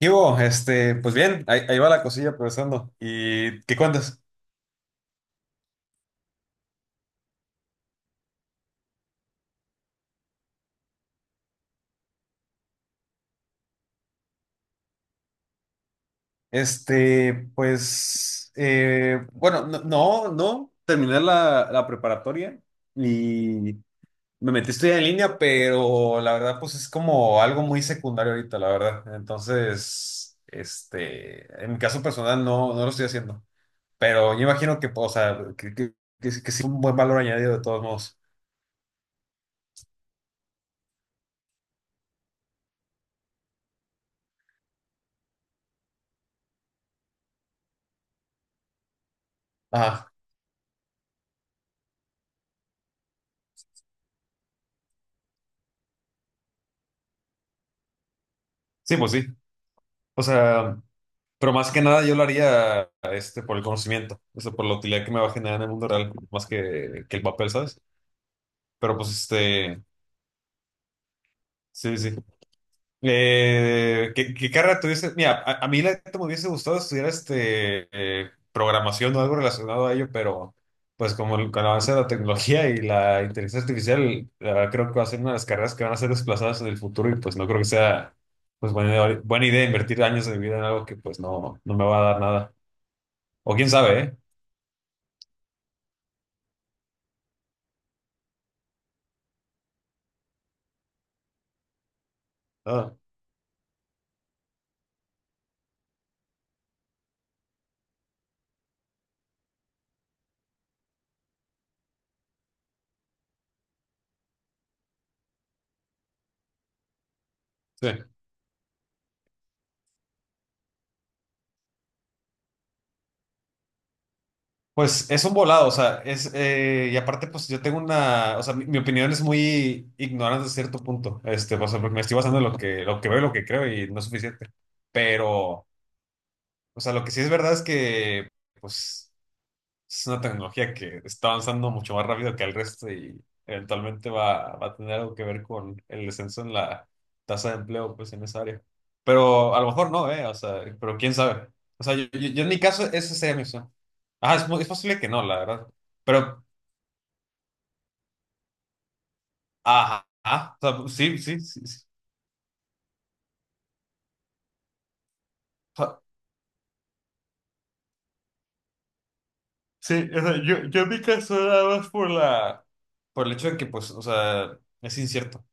¿Qué hubo? Pues bien, ahí va la cosilla progresando. ¿Y qué cuentas? Pues, bueno, no, no, no, terminé la preparatoria y me metí a estudiar en línea, pero la verdad, pues es como algo muy secundario ahorita, la verdad. Entonces, en mi caso personal no lo estoy haciendo, pero yo imagino que, pues, o sea, que sí que sí un buen valor añadido de todos modos. Ah, sí, pues sí. O sea. Pero más que nada yo lo haría por el conocimiento, o sea, por la utilidad que me va a generar en el mundo real, más que el papel, ¿sabes? Pero pues sí, sí, sí. ¿Qué carrera tuviste? Mira, a mí la neta me hubiese gustado estudiar programación o algo relacionado a ello, pero pues como con el avance de la tecnología y la inteligencia artificial, la verdad creo que va a ser una de las carreras que van a ser desplazadas en el futuro y pues no creo que sea pues buena, buena idea invertir años de mi vida en algo que pues no me va a dar nada. O quién sabe, ¿eh? No. Sí. Pues es un volado, o sea, y aparte, pues yo tengo una, o sea, mi opinión es muy ignorante a cierto punto, o sea, porque me estoy basando en lo que veo y lo que creo y no es suficiente, pero, o sea, lo que sí es verdad es que, pues, es una tecnología que está avanzando mucho más rápido que el resto y eventualmente va a tener algo que ver con el descenso en la tasa de empleo, pues, en esa área. Pero a lo mejor no, ¿eh? O sea, pero quién sabe. O sea, yo en mi caso, esa sería mi opción. Ajá, es posible que no, la verdad. Pero, ajá, ajá, o sea, sí, sí, sí. Sí, o sea, sí, o sea, yo en mi caso nada más por la, por el hecho de que, pues, o sea, es incierto.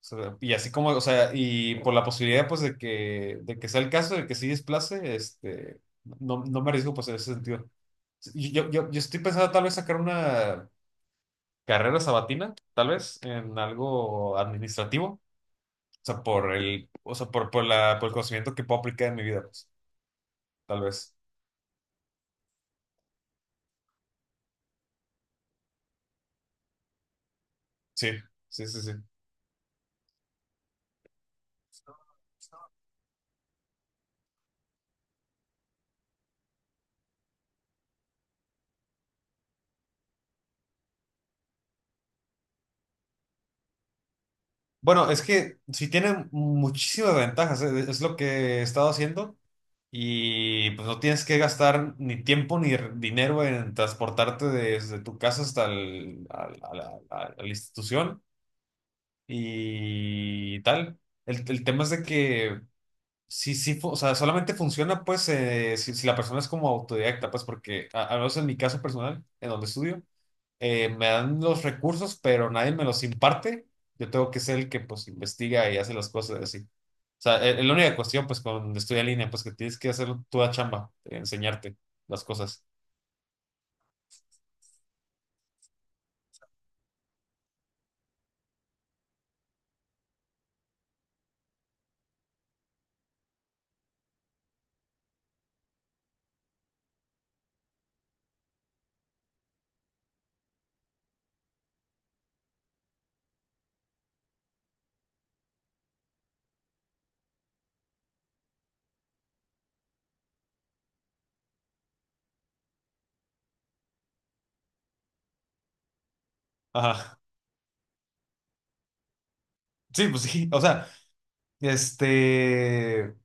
Sea, y así como, o sea, y por la posibilidad, pues, de que sea el caso, de que sí desplace, no me arriesgo, pues, en ese sentido. Yo estoy pensando tal vez sacar una carrera sabatina, tal vez, en algo administrativo, o sea, o sea, por el conocimiento que puedo aplicar en mi vida, pues, tal vez. Sí, sí, sí, sí. Bueno, es que sí tiene muchísimas ventajas, es lo que he estado haciendo y pues no tienes que gastar ni tiempo ni dinero en transportarte desde tu casa hasta a la institución y tal. El tema es de que o sea, solamente funciona pues si la persona es como autodidacta, pues porque al menos en mi caso personal, en donde estudio me dan los recursos, pero nadie me los imparte. Yo tengo que ser el que pues investiga y hace las cosas así. O sea, es la única cuestión pues cuando estudia en línea, pues que tienes que hacer tu chamba, enseñarte las cosas. Ajá. Sí, pues sí. O sea, este,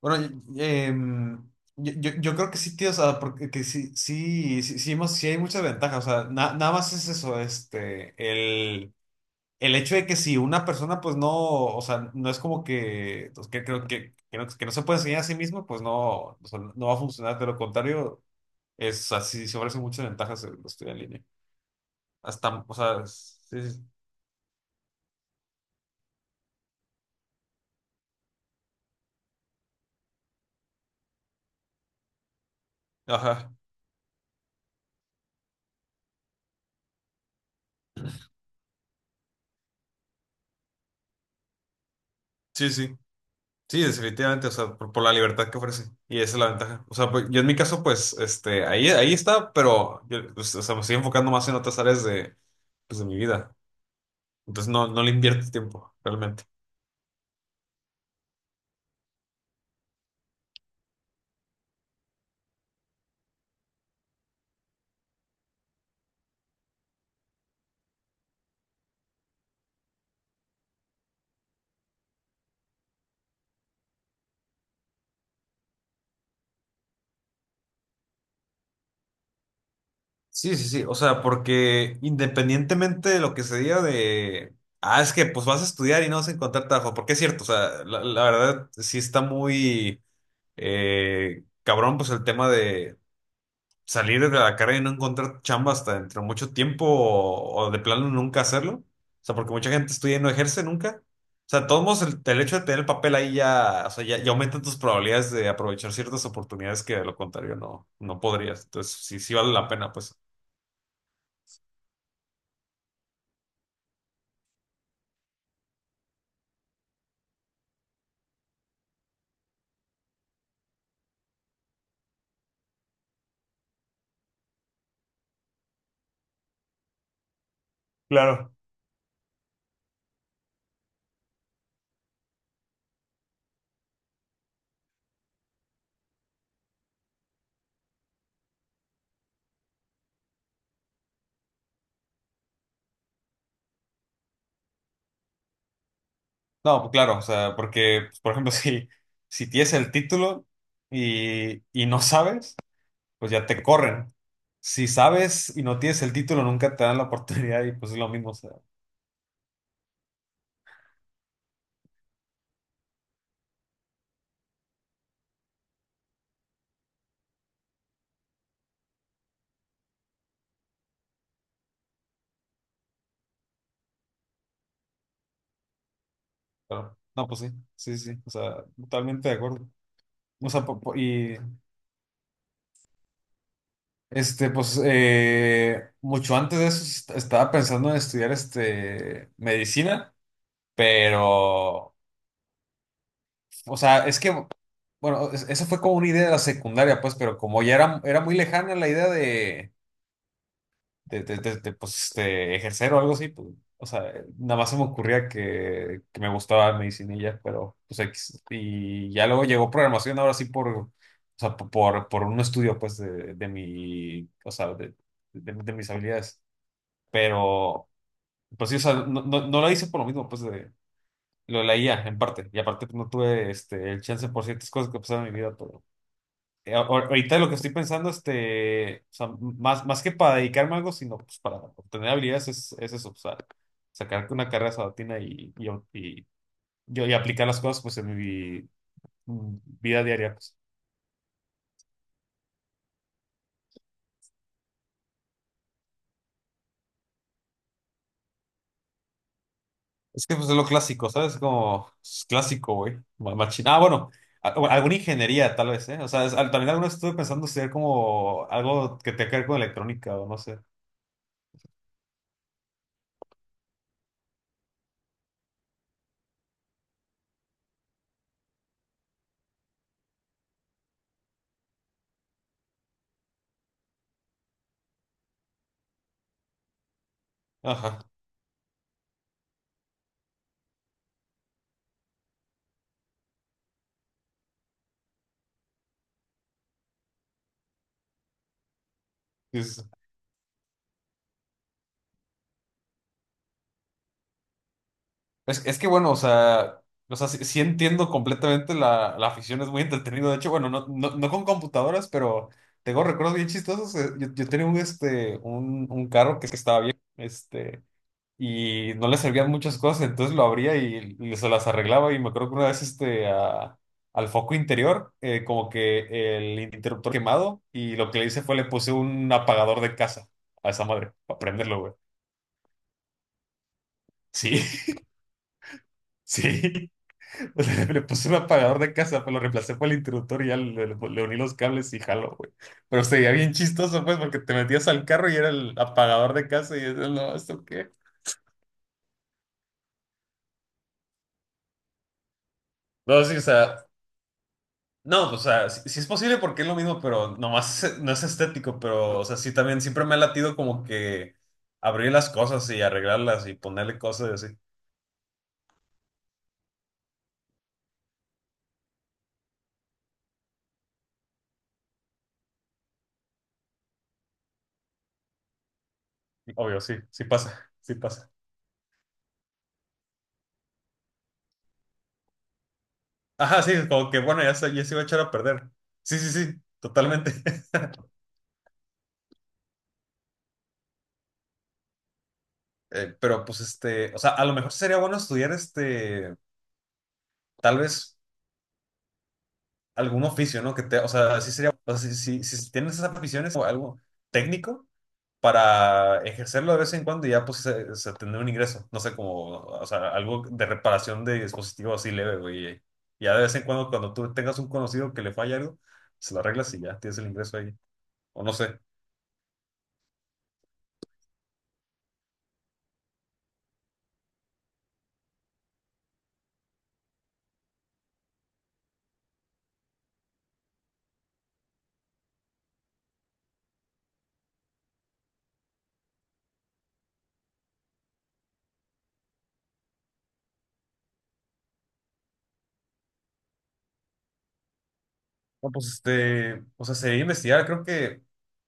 bueno, em, yo creo que sí, tío, o sea, porque que sí, sí, sí, sí, hemos- sí hay muchas ventajas. O sea, nada más es eso, el hecho de que si una persona pues no, o sea, no es como que, pues, que creo que no se puede enseñar a sí mismo, pues no, o sea, no va a funcionar, de lo contrario, es así, se ofrecen muchas ventajas el estudiar en línea. Hasta, o sea, sí, sí, ajá, sí, sí, sí, definitivamente, o sea, por la libertad que ofrece, y esa es la ventaja. O sea, pues, yo en mi caso, pues, ahí está, pero, yo, pues, o sea, me estoy enfocando más en otras áreas de, pues, de mi vida, entonces no le invierto tiempo, realmente. Sí, sí, sí. O sea, porque independientemente de lo que se diga de, ah, es que pues vas a estudiar y no vas a encontrar trabajo, porque es cierto, o sea, la verdad sí está muy cabrón, pues el tema de salir de la carrera y no encontrar chamba hasta dentro de mucho tiempo o de plano nunca hacerlo. O sea, porque mucha gente estudia y no ejerce nunca. O sea, de todos modos, el hecho de tener el papel ahí ya, o sea, ya, ya aumenta tus probabilidades de aprovechar ciertas oportunidades que de lo contrario no podrías. Entonces, sí, sí vale la pena, pues. Claro. No, pues claro, o sea, porque, pues, por ejemplo, si tienes el título y no sabes, pues ya te corren. Si sabes y no tienes el título, nunca te dan la oportunidad y pues es lo mismo, o sea, pero, no, pues sí, sí, sí, o sea, totalmente de acuerdo. O sea, y pues mucho antes de eso estaba pensando en estudiar medicina, pero o sea, es que, bueno, eso fue como una idea de la secundaria, pues, pero como ya era muy lejana la idea de, de, pues, de ejercer o algo así, pues, o sea, nada más se me ocurría que me gustaba medicina y ya, pero, pues, X. Y ya luego llegó programación, ahora sí por, o sea, por un estudio, pues, de mi, o sea, de mis habilidades, pero, pues sí, o sea, no, no, no la hice por lo mismo, pues, de... Lo de la IA, en parte, y aparte pues, no tuve el chance por ciertas cosas que pasaron en mi vida, pero... Ahorita lo que estoy pensando, o sea, más que para dedicarme a algo, sino pues para obtener habilidades, es eso, o sea, sacar una carrera sabatina y aplicar las cosas pues en mi vida diaria, pues. Es que pues es lo clásico, ¿sabes? Como es clásico, güey. Machín. Ah, bueno, o alguna ingeniería tal vez, ¿eh? O sea, también alguna vez estuve pensando ser como algo que tenga que ver con electrónica o no sé. Ajá. Sí, sí, sí. Es que bueno, o sea, sí, sí entiendo completamente la afición, es muy entretenido. De hecho, bueno, no, no, no con computadoras, pero tengo recuerdos bien chistosos. Yo tenía un, un carro que estaba bien, y no le servían muchas cosas, entonces lo abría y se las arreglaba. Y me acuerdo que una vez, al foco interior, como que el interruptor quemado, y lo que le hice fue le puse un apagador de casa a esa madre, para prenderlo, güey. Sí, sí. O sea, le puse un apagador de casa, pues lo reemplacé por el interruptor y ya le uní los cables y jaló, güey. Pero sería bien chistoso, pues, porque te metías al carro y era el apagador de casa y dices, no, ¿esto qué? No, sí, o sea, no, o sea, sí, sí es posible porque es lo mismo, pero nomás no es estético, pero, o sea, sí también siempre me ha latido como que abrir las cosas y arreglarlas y ponerle cosas y así. Obvio, sí, sí pasa, sí pasa. Ajá, sí, como que bueno, ya se iba a echar a perder. Sí, sí, sí, totalmente. Pero pues o sea, a lo mejor sería bueno estudiar tal vez algún oficio, ¿no? Que te, o sea, sí sería, o sea, si, si tienes esas aficiones o algo técnico para ejercerlo de vez en cuando y ya pues se tendrá un ingreso, no sé, como, o sea, algo de reparación de dispositivos así leve, güey, y ya de vez en cuando, cuando tú tengas un conocido que le falla algo, se lo arreglas y ya tienes el ingreso ahí, o no sé. No, pues o sea, sería investigar, creo que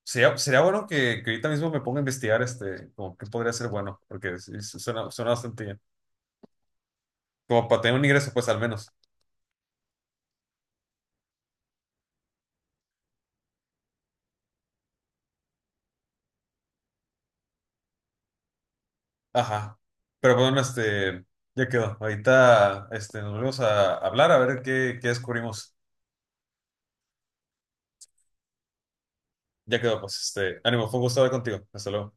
sería bueno que, ahorita mismo me ponga a investigar como qué podría ser bueno, porque sí, suena bastante bien. Como para tener un ingreso, pues al menos. Ajá. Pero bueno, ya quedó. Ahorita, nos volvemos a hablar a ver qué descubrimos. Ya quedó, pues, ánimo, fue un gusto hablar contigo. Hasta luego.